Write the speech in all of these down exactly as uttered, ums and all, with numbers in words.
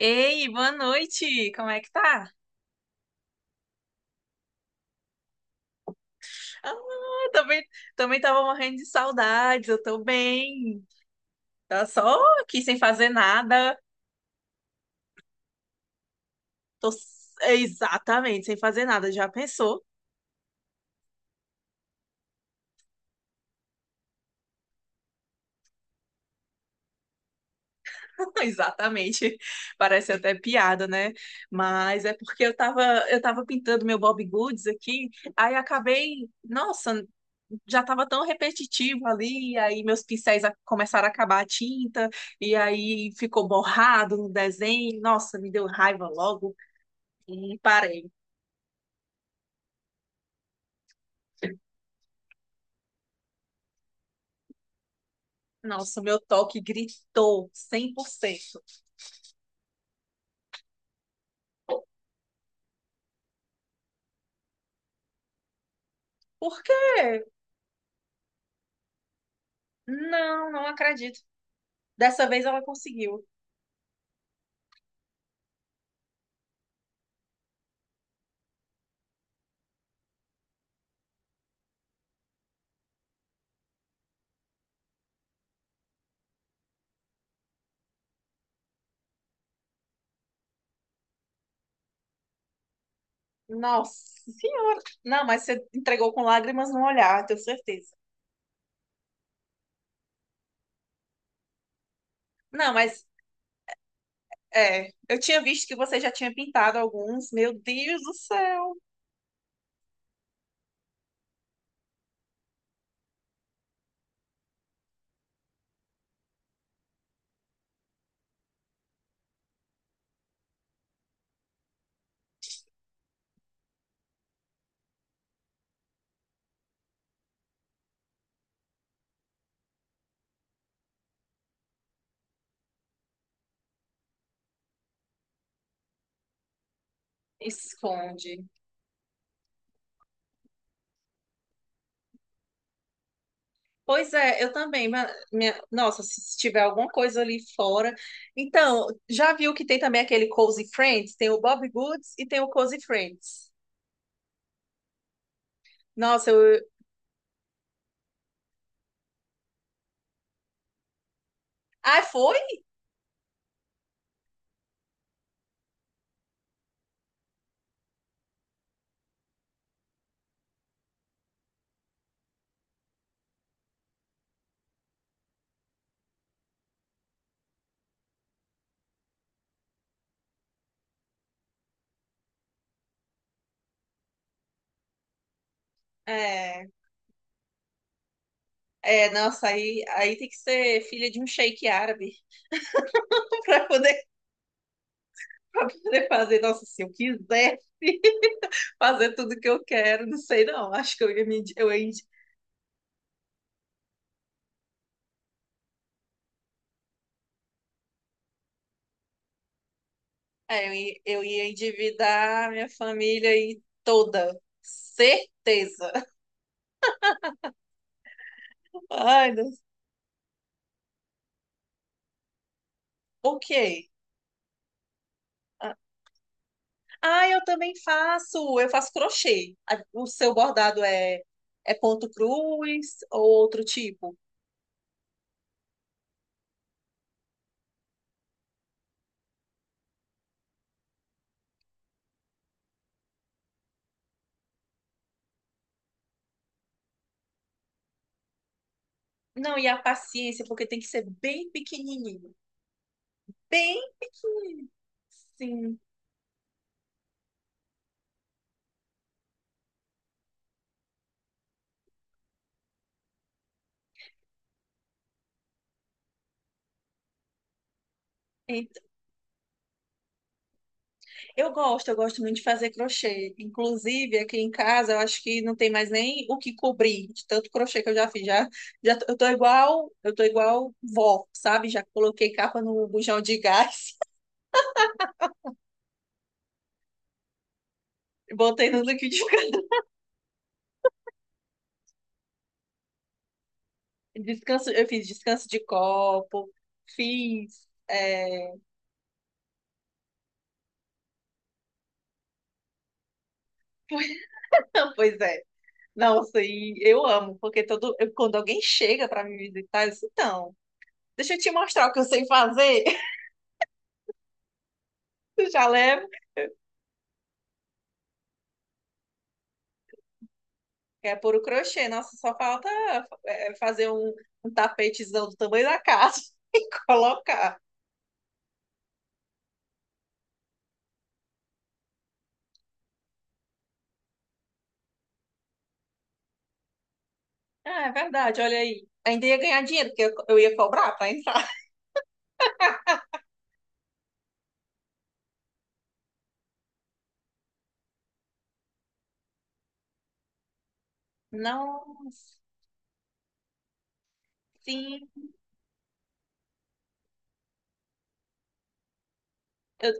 Ei, boa noite! Como é que tá? Ah, também, também tava morrendo de saudades, eu tô bem. Tá só aqui sem fazer nada. Tô s- exatamente sem fazer nada. Já pensou? Exatamente. Parece até piada, né? Mas é porque eu tava, eu tava pintando meu Bob Goods aqui, aí acabei, nossa, já estava tão repetitivo ali, e aí meus pincéis a- começaram a acabar a tinta, e aí ficou borrado no desenho. Nossa, me deu raiva logo e parei. Nossa, meu toque gritou cem por cento. Por quê? Não, não acredito. Dessa vez ela conseguiu. Nossa senhora. Não, mas você entregou com lágrimas no olhar, tenho certeza. Não, mas é, eu tinha visto que você já tinha pintado alguns. Meu Deus do céu. Esconde. Pois é, eu também. ma- minha- nossa, se se tiver alguma coisa ali fora. Então, já viu que tem também aquele Cozy Friends? Tem o Bob Goods e tem o Cozy Friends. Nossa, eu. Ah, foi? É. É, nossa, aí, aí tem que ser filha de um sheik árabe para poder para poder fazer. Nossa, se eu quisesse fazer tudo que eu quero, não sei não. Acho que eu ia me, eu ia, é, eu ia endividar minha família aí toda. Certeza. Ai, Deus. Ok. Ah, eu também faço, eu faço crochê. O seu bordado é, é ponto cruz ou outro tipo? Não, e a paciência, porque tem que ser bem pequenininho. Bem pequenininho. Sim. É. Eu gosto, eu gosto muito de fazer crochê. Inclusive, aqui em casa, eu acho que não tem mais nem o que cobrir de tanto crochê que eu já fiz. Já, já tô- eu tô igual, eu tô igual vó, sabe? Já coloquei capa no bujão de gás, botei no liquidificador. Descanso, eu fiz descanso de copo, fiz. É, Pois é. Nossa, e eu amo, porque todo... eu- quando alguém chega para me visitar, eu disse, então, deixa eu te mostrar o que eu sei fazer. Tu já leva. É puro crochê. Nossa, só falta é, fazer um, um tapetezão do tamanho da casa e colocar. Ah, é verdade, olha aí. Ainda ia ganhar dinheiro, porque eu, eu ia cobrar para entrar. Nossa, sim. Eu,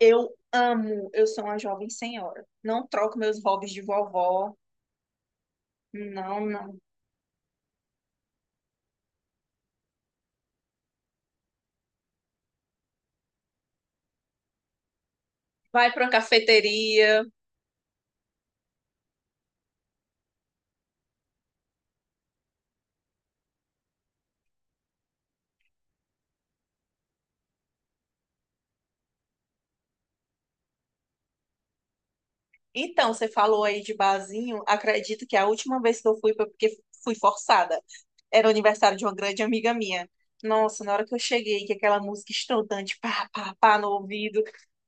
eu amo. Eu sou uma jovem senhora. Não troco meus hobbies de vovó. Não, não. Vai para uma cafeteria. Então, você falou aí de barzinho. Acredito que a última vez que eu fui foi porque fui forçada. Era o aniversário de uma grande amiga minha. Nossa, na hora que eu cheguei, que aquela música estrondante, pá, pá, pá, no ouvido.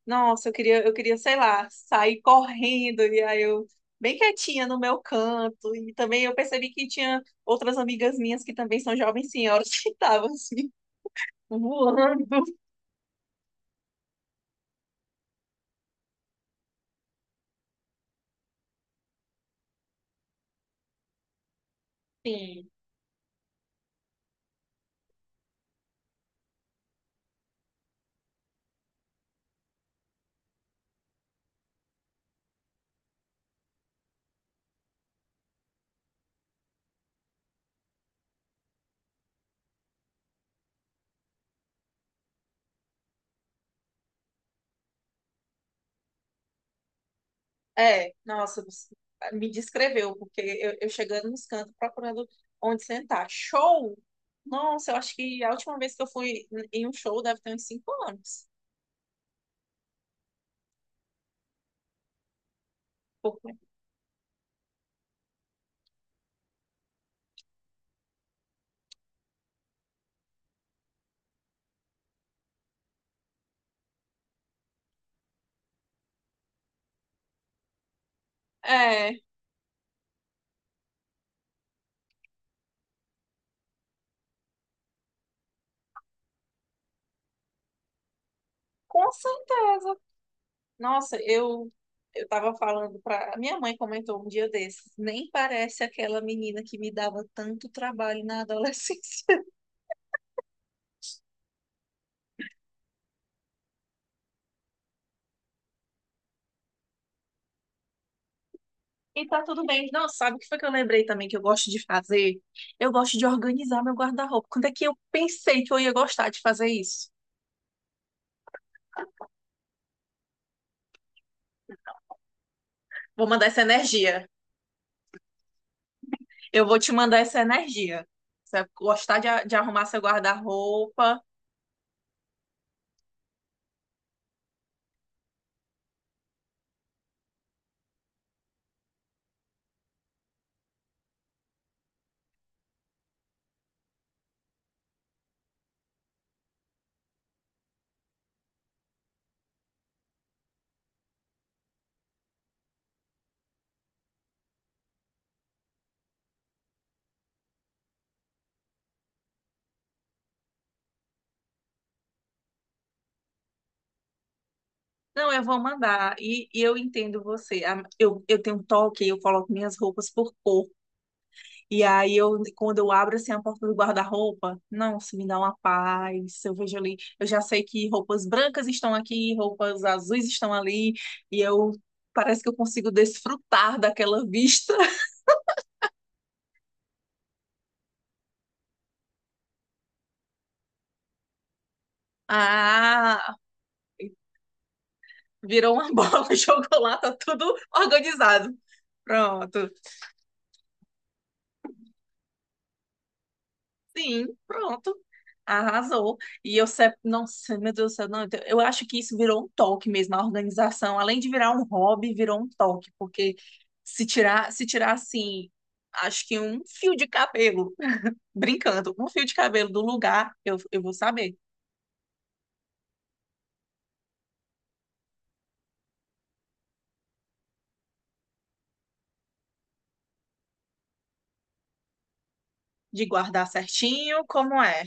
Nossa, eu queria, eu queria, sei lá, sair correndo. E aí eu, bem quietinha no meu canto. E também eu percebi que tinha outras amigas minhas que também são jovens senhoras que estavam assim, voando. Sim. É, nossa, você me descreveu, porque eu, eu chegando nos cantos procurando onde sentar. Show! Nossa, eu acho que a última vez que eu fui em um show deve ter uns cinco anos. Porque- É, com certeza. Nossa, eu eu tava falando pra. Minha mãe comentou um dia desses, nem parece aquela menina que me dava tanto trabalho na adolescência. E tá tudo bem. Não, sabe o que foi que eu lembrei também que eu gosto de fazer? Eu gosto de organizar meu guarda-roupa. Quando é que eu pensei que eu ia gostar de fazer isso? Vou mandar essa energia. Eu vou te mandar essa energia. Você vai gostar de, a- de arrumar seu guarda-roupa? Não, eu vou mandar. E, e eu entendo você. A- Eu, eu tenho um toque, eu coloco minhas roupas por cor. E aí eu, quando eu abro assim a porta do guarda-roupa, nossa, me dá uma paz. Eu vejo ali, eu já sei que roupas brancas estão aqui, roupas azuis estão ali, e eu parece que eu consigo desfrutar daquela vista. Ah, virou uma bola de chocolate, tá tudo organizado. Pronto. Sim, pronto. Arrasou. E eu, se- nossa, meu Deus do céu, não, eu eu acho que isso virou um toque mesmo, a organização. Além de virar um hobby, virou um toque, porque se tirar, se tirar assim, acho que um fio de cabelo, brincando, um fio de cabelo do lugar, eu, eu vou saber de guardar certinho como é.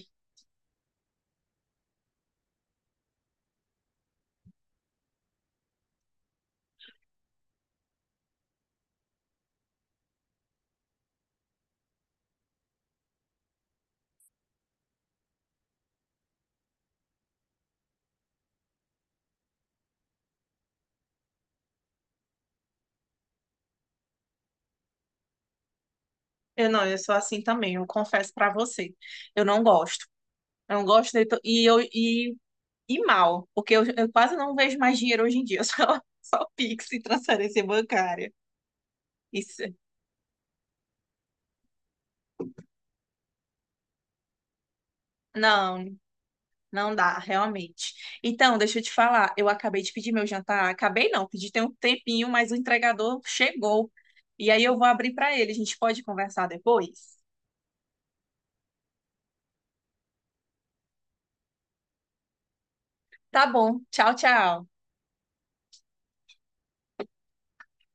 Eu não, eu sou assim também, eu confesso pra você. Eu não gosto. Eu não gosto de, to- e eu e E mal, porque eu, eu quase não vejo mais dinheiro hoje em dia, só, só Pix e transferência bancária. Isso. Não, não dá, realmente. Então, deixa eu te falar, eu acabei de pedir meu jantar. Acabei não, pedi tem um tempinho, mas o entregador chegou. E aí eu vou abrir para ele. A gente pode conversar depois? Tá bom. Tchau, tchau.